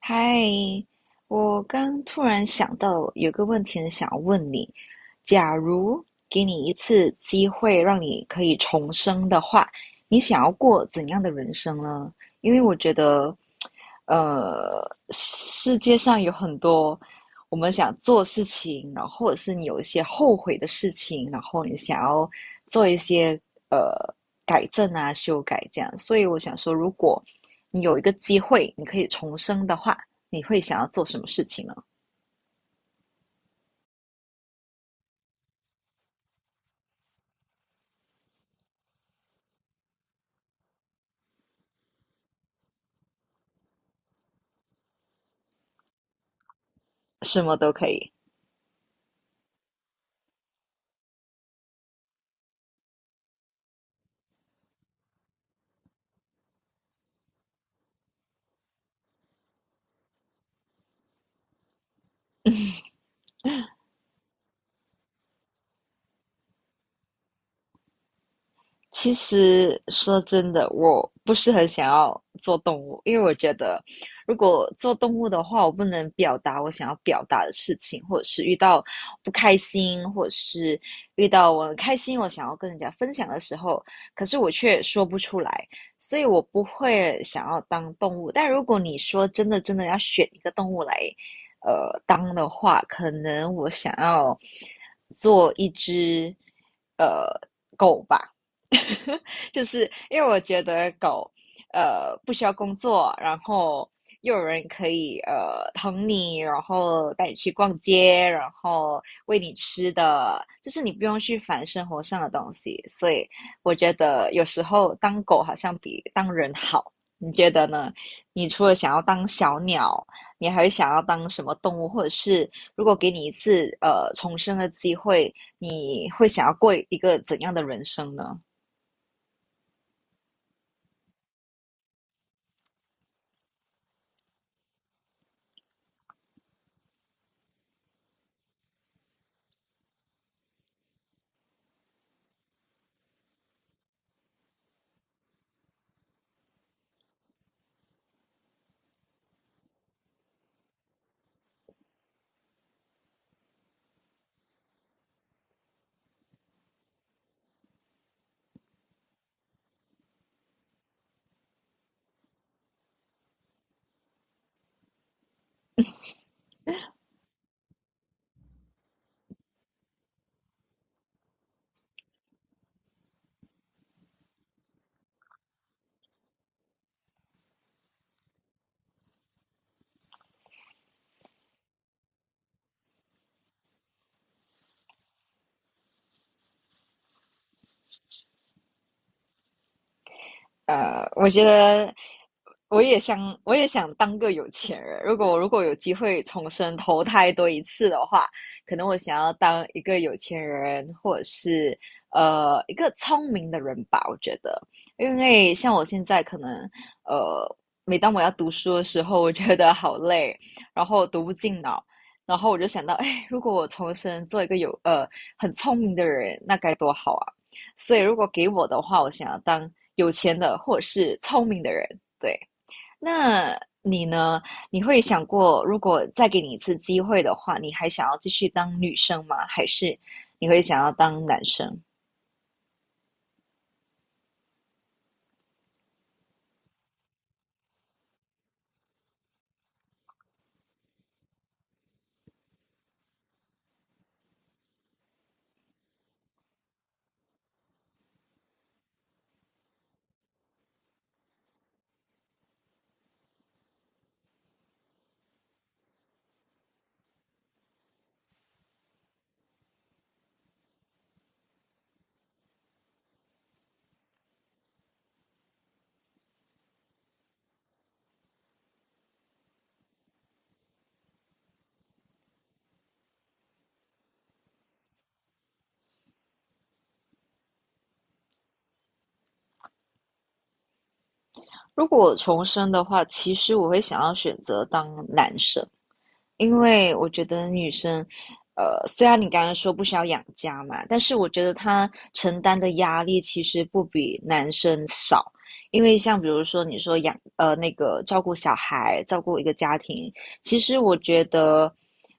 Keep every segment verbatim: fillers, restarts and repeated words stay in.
嗨，我刚突然想到有个问题很想要问你：假如给你一次机会，让你可以重生的话，你想要过怎样的人生呢？因为我觉得，呃，世界上有很多我们想做事情，然后或者是你有一些后悔的事情，然后你想要做一些呃改正啊、修改这样。所以我想说，如果你有一个机会，你可以重生的话，你会想要做什么事情呢？什么都可以。其实说真的，我不是很想要做动物，因为我觉得如果做动物的话，我不能表达我想要表达的事情，或者是遇到不开心，或者是遇到我很开心，我想要跟人家分享的时候，可是我却说不出来，所以我不会想要当动物。但如果你说真的真的要选一个动物来，呃，当的话，可能我想要做一只呃狗吧。就是因为我觉得狗，呃，不需要工作，然后又有人可以呃疼你，然后带你去逛街，然后喂你吃的，就是你不用去烦生活上的东西，所以我觉得有时候当狗好像比当人好，你觉得呢？你除了想要当小鸟，你还会想要当什么动物，或者是如果给你一次呃重生的机会，你会想要过一个怎样的人生呢？呃，我觉得我也想，我也想当个有钱人。如果如果有机会重生投胎多一次的话，可能我想要当一个有钱人，或者是呃一个聪明的人吧。我觉得，因为像我现在可能呃，每当我要读书的时候，我觉得好累，然后读不进脑。然后我就想到，哎，如果我重生做一个有呃很聪明的人，那该多好啊！所以如果给我的话，我想要当有钱的或者是聪明的人。对，那你呢？你会想过，如果再给你一次机会的话，你还想要继续当女生吗？还是你会想要当男生？如果我重生的话，其实我会想要选择当男生，因为我觉得女生，呃，虽然你刚刚说不需要养家嘛，但是我觉得她承担的压力其实不比男生少。因为像比如说你说养，呃，那个照顾小孩、照顾一个家庭，其实我觉得，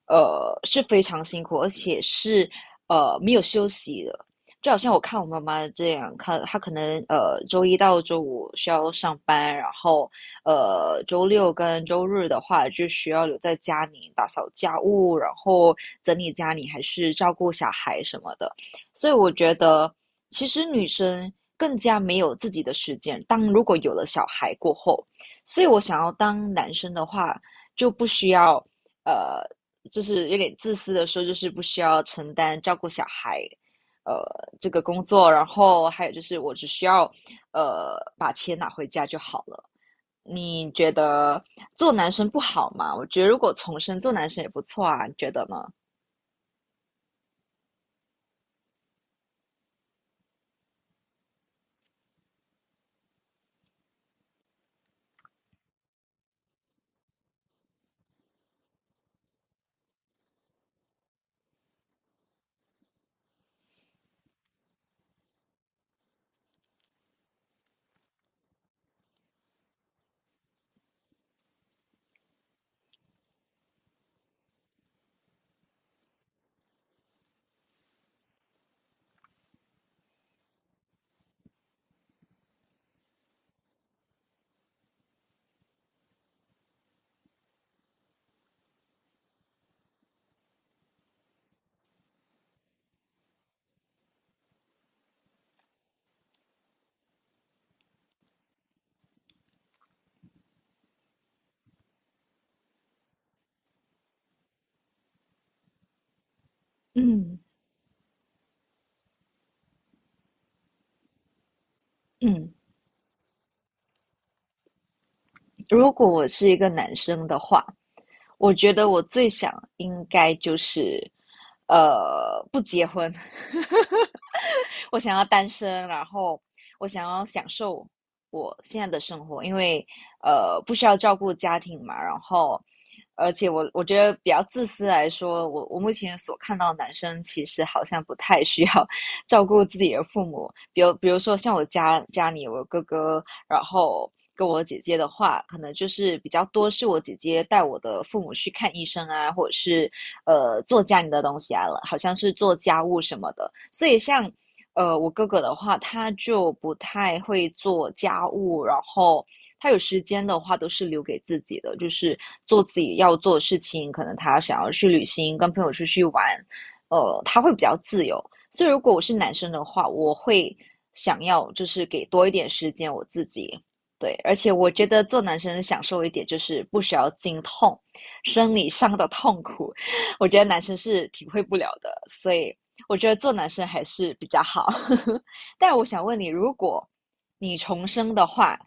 呃，是非常辛苦，而且是呃没有休息的。就好像我看我妈妈这样，看她可能呃周一到周五需要上班，然后呃周六跟周日的话，就需要留在家里打扫家务，然后整理家里，还是照顾小孩什么的。所以我觉得，其实女生更加没有自己的时间。当如果有了小孩过后，所以我想要当男生的话，就不需要呃，就是有点自私的说，就是不需要承担照顾小孩。呃，这个工作，然后还有就是，我只需要，呃，把钱拿回家就好了。你觉得做男生不好吗？我觉得如果重生做男生也不错啊，你觉得呢？嗯嗯，如果我是一个男生的话，我觉得我最想应该就是，呃，不结婚。我想要单身，然后我想要享受我现在的生活，因为呃不需要照顾家庭嘛，然后而且我我觉得比较自私来说，我我目前所看到的男生其实好像不太需要 照顾自己的父母，比如比如说像我家家里我哥哥，然后。跟我姐姐的话，可能就是比较多是我姐姐带我的父母去看医生啊，或者是呃做家里的东西啊，了，好像是做家务什么的。所以像呃，我哥哥的话，他就不太会做家务，然后他有时间的话都是留给自己的，就是做自己要做的事情。可能他想要去旅行，跟朋友出去玩，呃，他会比较自由。所以如果我是男生的话，我会想要就是给多一点时间我自己。对，而且我觉得做男生享受一点就是不需要经痛，生理上的痛苦，我觉得男生是体会不了的。所以我觉得做男生还是比较好。但我想问你，如果你重生的话，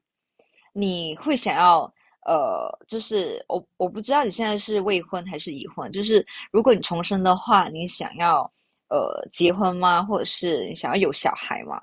你会想要呃，就是我我不知道你现在是未婚还是已婚，就是如果你重生的话，你想要呃结婚吗？或者是你想要有小孩吗？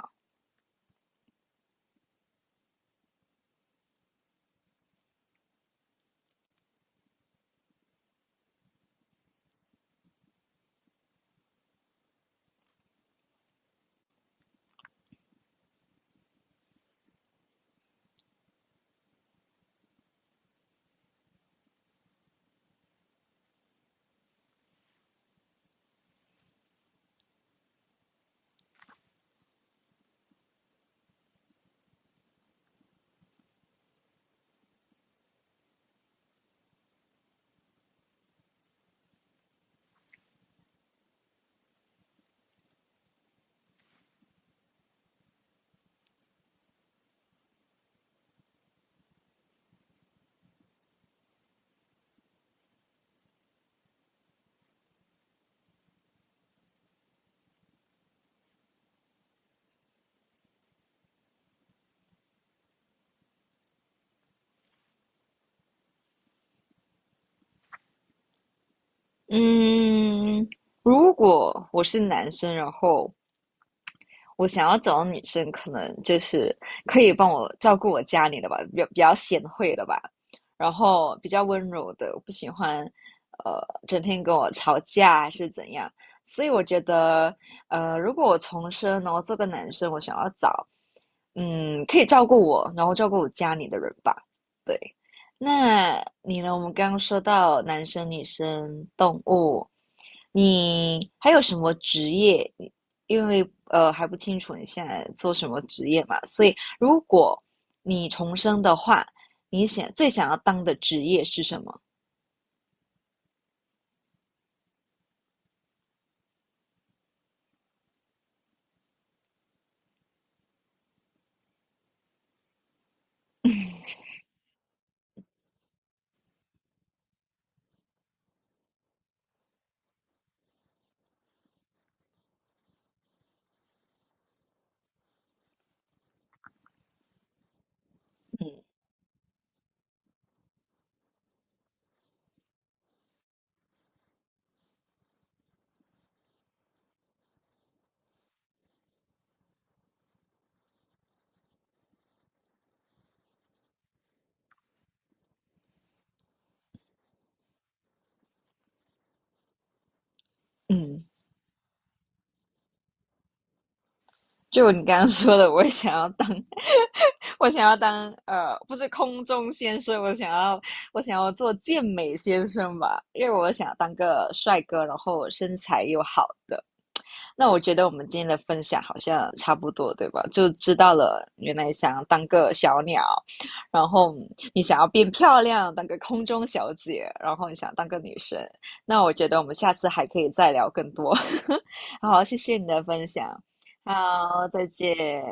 嗯，如果我是男生，然后我想要找的女生，可能就是可以帮我照顾我家里的吧，比较比较贤惠的吧，然后比较温柔的，我不喜欢呃整天跟我吵架还是怎样。所以我觉得，呃，如果我重生，然后做个男生，我想要找嗯可以照顾我，然后照顾我家里的人吧。对，那你呢？我们刚刚说到男生、女生、动物，你还有什么职业因为呃还不清楚你现在做什么职业嘛，所以如果你重生的话，你想最想要当的职业是什么？嗯嗯，就你刚刚说的，我也想要当，我想要当呃，不是空中先生，我想要我想要做健美先生吧，因为我想当个帅哥，然后身材又好的。那我觉得我们今天的分享好像差不多，对吧？就知道了，原来想当个小鸟，然后你想要变漂亮，当个空中小姐，然后你想当个女生。那我觉得我们下次还可以再聊更多。好，谢谢你的分享。好，再见。